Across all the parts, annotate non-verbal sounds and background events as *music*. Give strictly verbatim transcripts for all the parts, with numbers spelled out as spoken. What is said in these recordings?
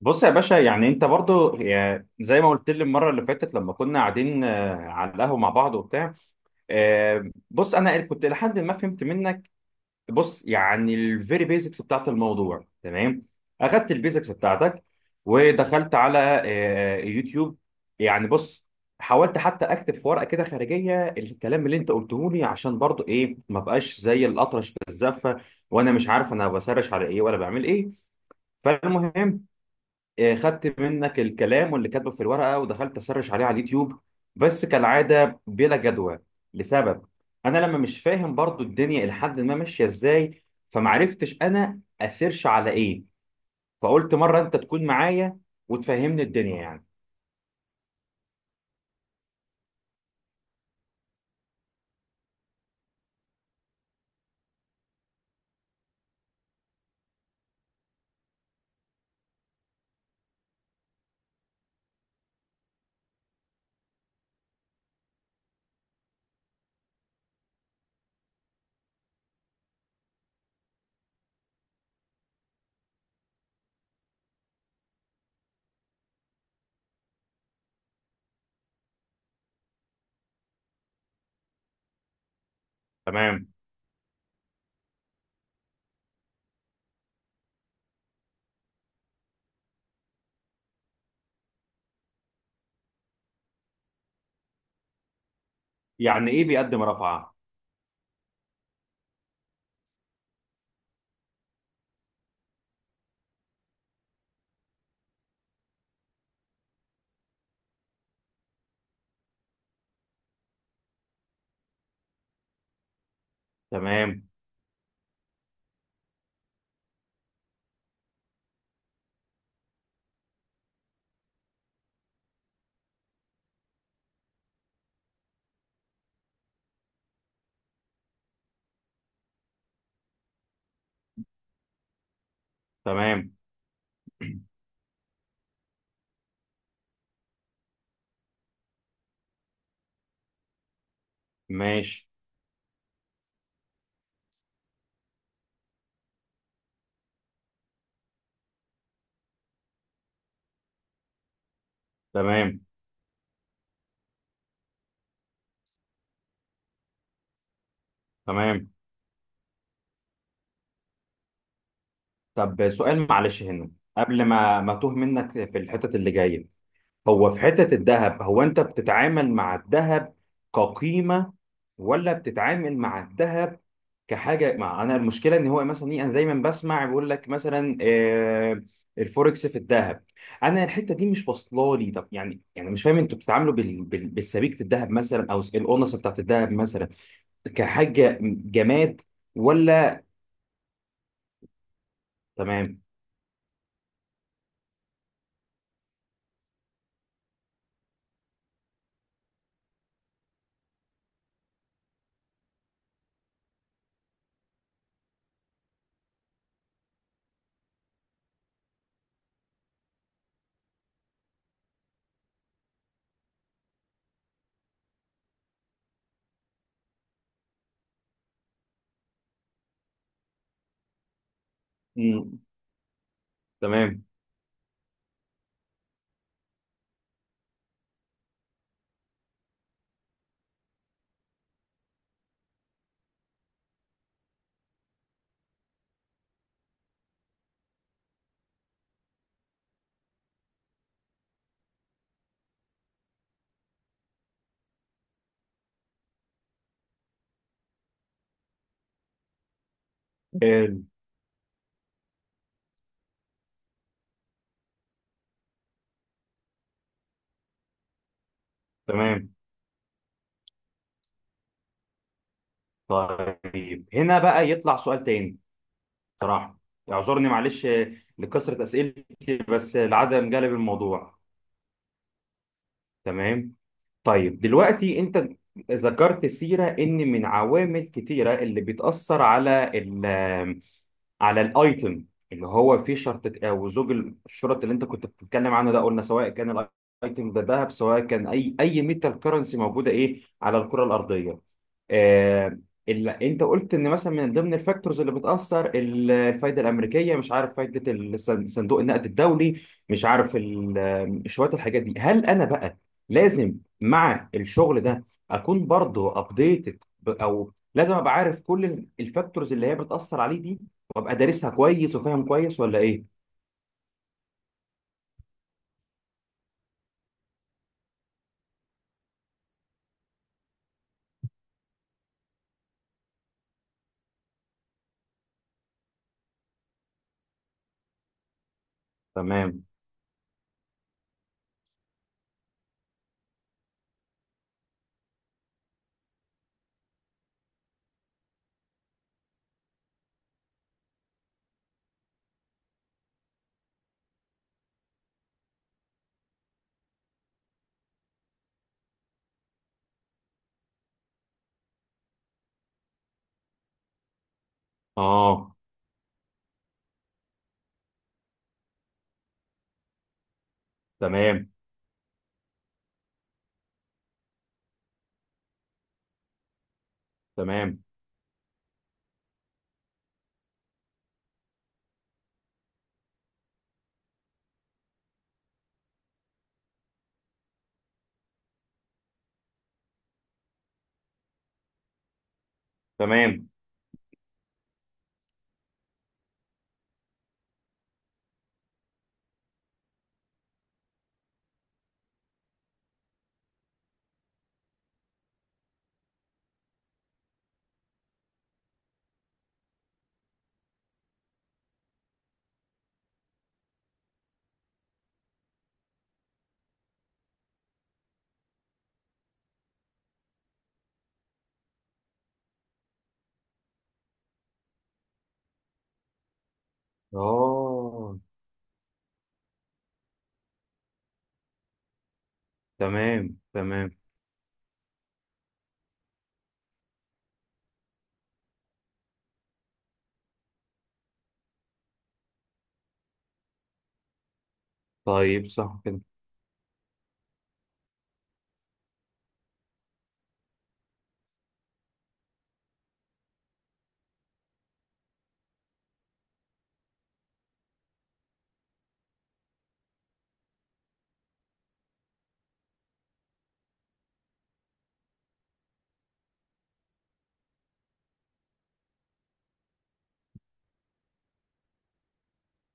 بص يا باشا يعني انت برضو يا- زي ما قلت لي المره اللي فاتت لما كنا قاعدين، آه، على القهوه مع بعض وبتاع. آه، بص انا كنت لحد ما فهمت منك. بص يعني الفيري بيزكس بتاعت الموضوع تمام. اخدت البيزكس بتاعتك ودخلت على آه، يوتيوب. يعني بص، حاولت حتى اكتب في ورقه كده خارجيه الكلام اللي انت قلته لي عشان برضو ايه ما بقاش زي الاطرش في الزفه، وانا مش عارف انا بسرش على ايه ولا بعمل ايه. فالمهم، آه، خدت منك الكلام واللي كاتبه في الورقه ودخلت اسرش عليه على اليوتيوب، بس كالعاده بلا جدوى. لسبب انا لما مش فاهم برضو الدنيا لحد ما ماشيه ازاي، فمعرفتش انا اسيرش على ايه. فقلت مره انت تكون معايا وتفهمني الدنيا يعني. تمام. يعني ايه بيقدم رفعه؟ تمام. تمام. *clears throat* ماشي. تمام. تمام. طب سؤال معلش هنا، قبل ما ما توه منك في الحتت اللي جايه، هو في حتة الذهب هو أنت بتتعامل مع الذهب كقيمة ولا بتتعامل مع الذهب كحاجة؟ مع أنا المشكلة إن هو مثلا إيه، أنا دايما بسمع بيقول لك مثلا آه، الفوركس في الذهب. أنا الحتة دي مش واصلة لي. طب يعني يعني مش فاهم أنتوا بتتعاملوا بال... بال... بالسبيكة الذهب مثلا أو الأونصة بتاعت الذهب مثلا كحاجة جماد ولا؟ تمام. مم. تمام. حلو. تمام. طيب هنا بقى يطلع سؤال تاني. صراحة اعذرني معلش لكثرة أسئلتي بس العدم جلب الموضوع. تمام. طيب دلوقتي أنت ذكرت سيرة إن من عوامل كتيرة اللي بتأثر على على الايتم اللي هو فيه شرطة او زوج. الشرط اللي انت كنت بتتكلم عنه ده قلنا سواء كان الايتم ده ذهب سواء كان اي اي ميتال كرنسي موجودة ايه على الكرة الارضية. آه، اللي انت قلت ان مثلا من ضمن الفاكتورز اللي بتأثر ال- الفايدة الامريكية، مش عارف فايدة الصن- صندوق النقد الدولي، مش عارف ال- شوية الحاجات دي، هل انا بقى لازم مع الشغل ده اكون برضه ابديتد؟ او لازم ابقى عارف كل الفاكتورز اللي هي بتأثر عليه دي وابقى دارسها كويس وفاهم كويس ولا ايه؟ تمام. اه. تمام. تمام. تمام. اه. تمام. تمام. طيب صح كده.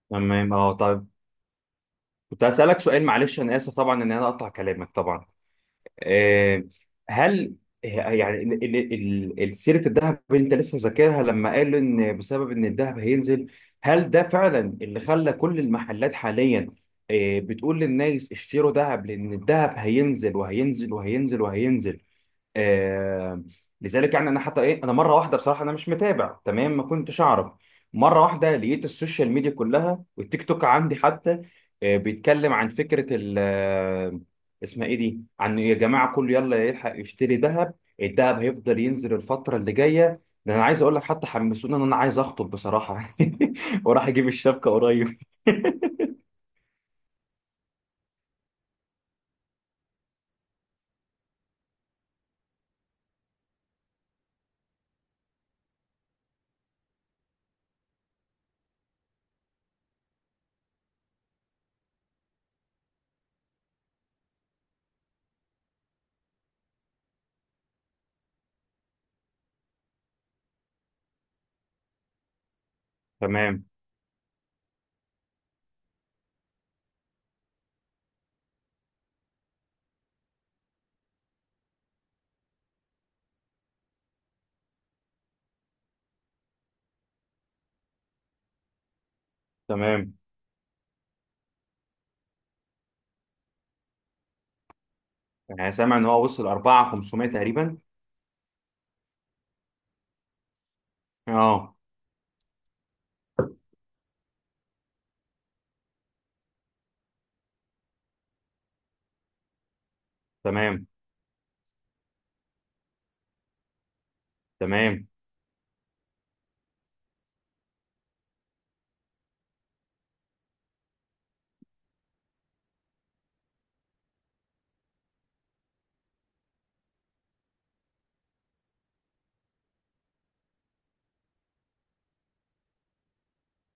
تمام. اه. طيب كنت هسألك سؤال، معلش انا اسف طبعا ان انا اقطع كلامك طبعا. آه، هل يعني ال- ال- ال- ال- سيرة الذهب اللي انت لسه ذاكرها لما قال ان بسبب ان الذهب هينزل، هل ده فعلا اللي خلى كل المحلات حاليا آه، بتقول للناس اشتروا ذهب لان الذهب هينزل وهينزل وهينزل وهينزل؟ آه، لذلك يعني انا حتى ايه، انا مره واحده بصراحه انا مش متابع تمام، ما كنتش اعرف. مره واحده لقيت السوشيال ميديا كلها والتيك توك عندي حتى آه بيتكلم عن فكره ال آه، اسمها ايه دي، عن يا جماعه كله يلا يلحق يشتري ذهب، الذهب هيفضل ينزل الفتره اللي جايه. ده انا عايز اقول لك حتى حمسوني ان انا عايز اخطب بصراحه. *laughs* وراح اجيب الشبكه قريب. تمام. تمام. انا سامع ان هو وصل أربعة آلاف وخمسمية تقريبا. اه. تمام. تمام.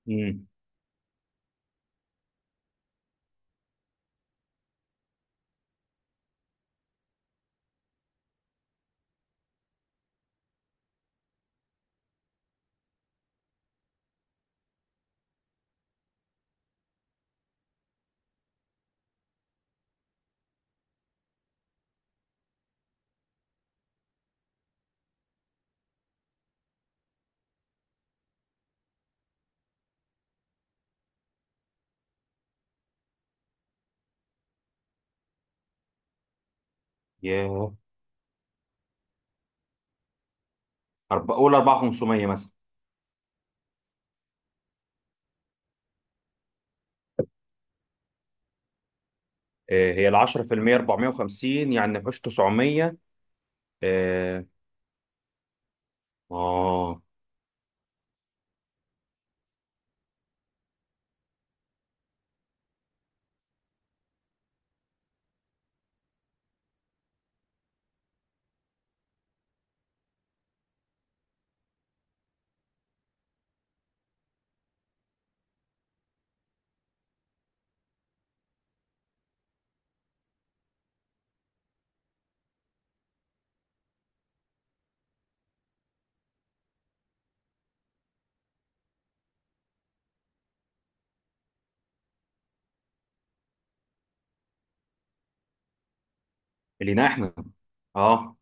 إمم. ياه. أرب... قول أربعة آلاف وخمسمية مثلا. آه، هي ال عشرة في المية أربعمية وخمسين يعني نخش تسعمية. اه. اه. لينا احنا. اه.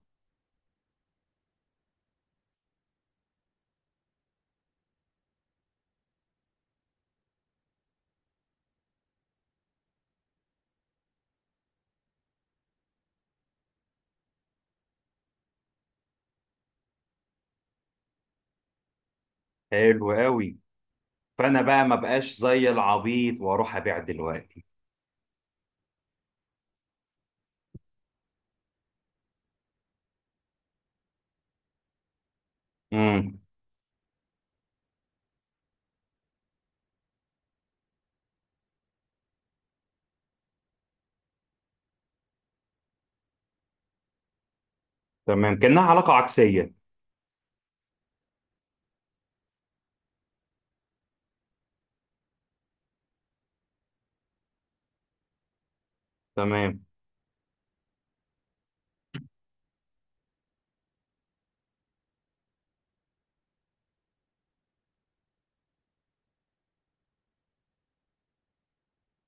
حلو قوي. فانا بقى ما بقاش زي العبيط واروح ابيع دلوقتي. امم. تمام كأنها علاقة عكسية. تمام.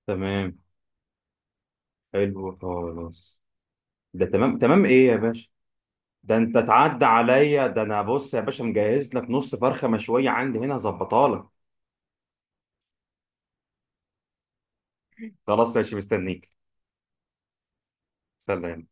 تمام. حلو خلاص. ده تمام تمام، ايه يا باشا؟ ده انت تعدى عليا، ده انا بص يا باشا مجهز لك نص فرخة مشوية عندي هنا هظبطها لك. خلاص ماشي مستنيك. سلام.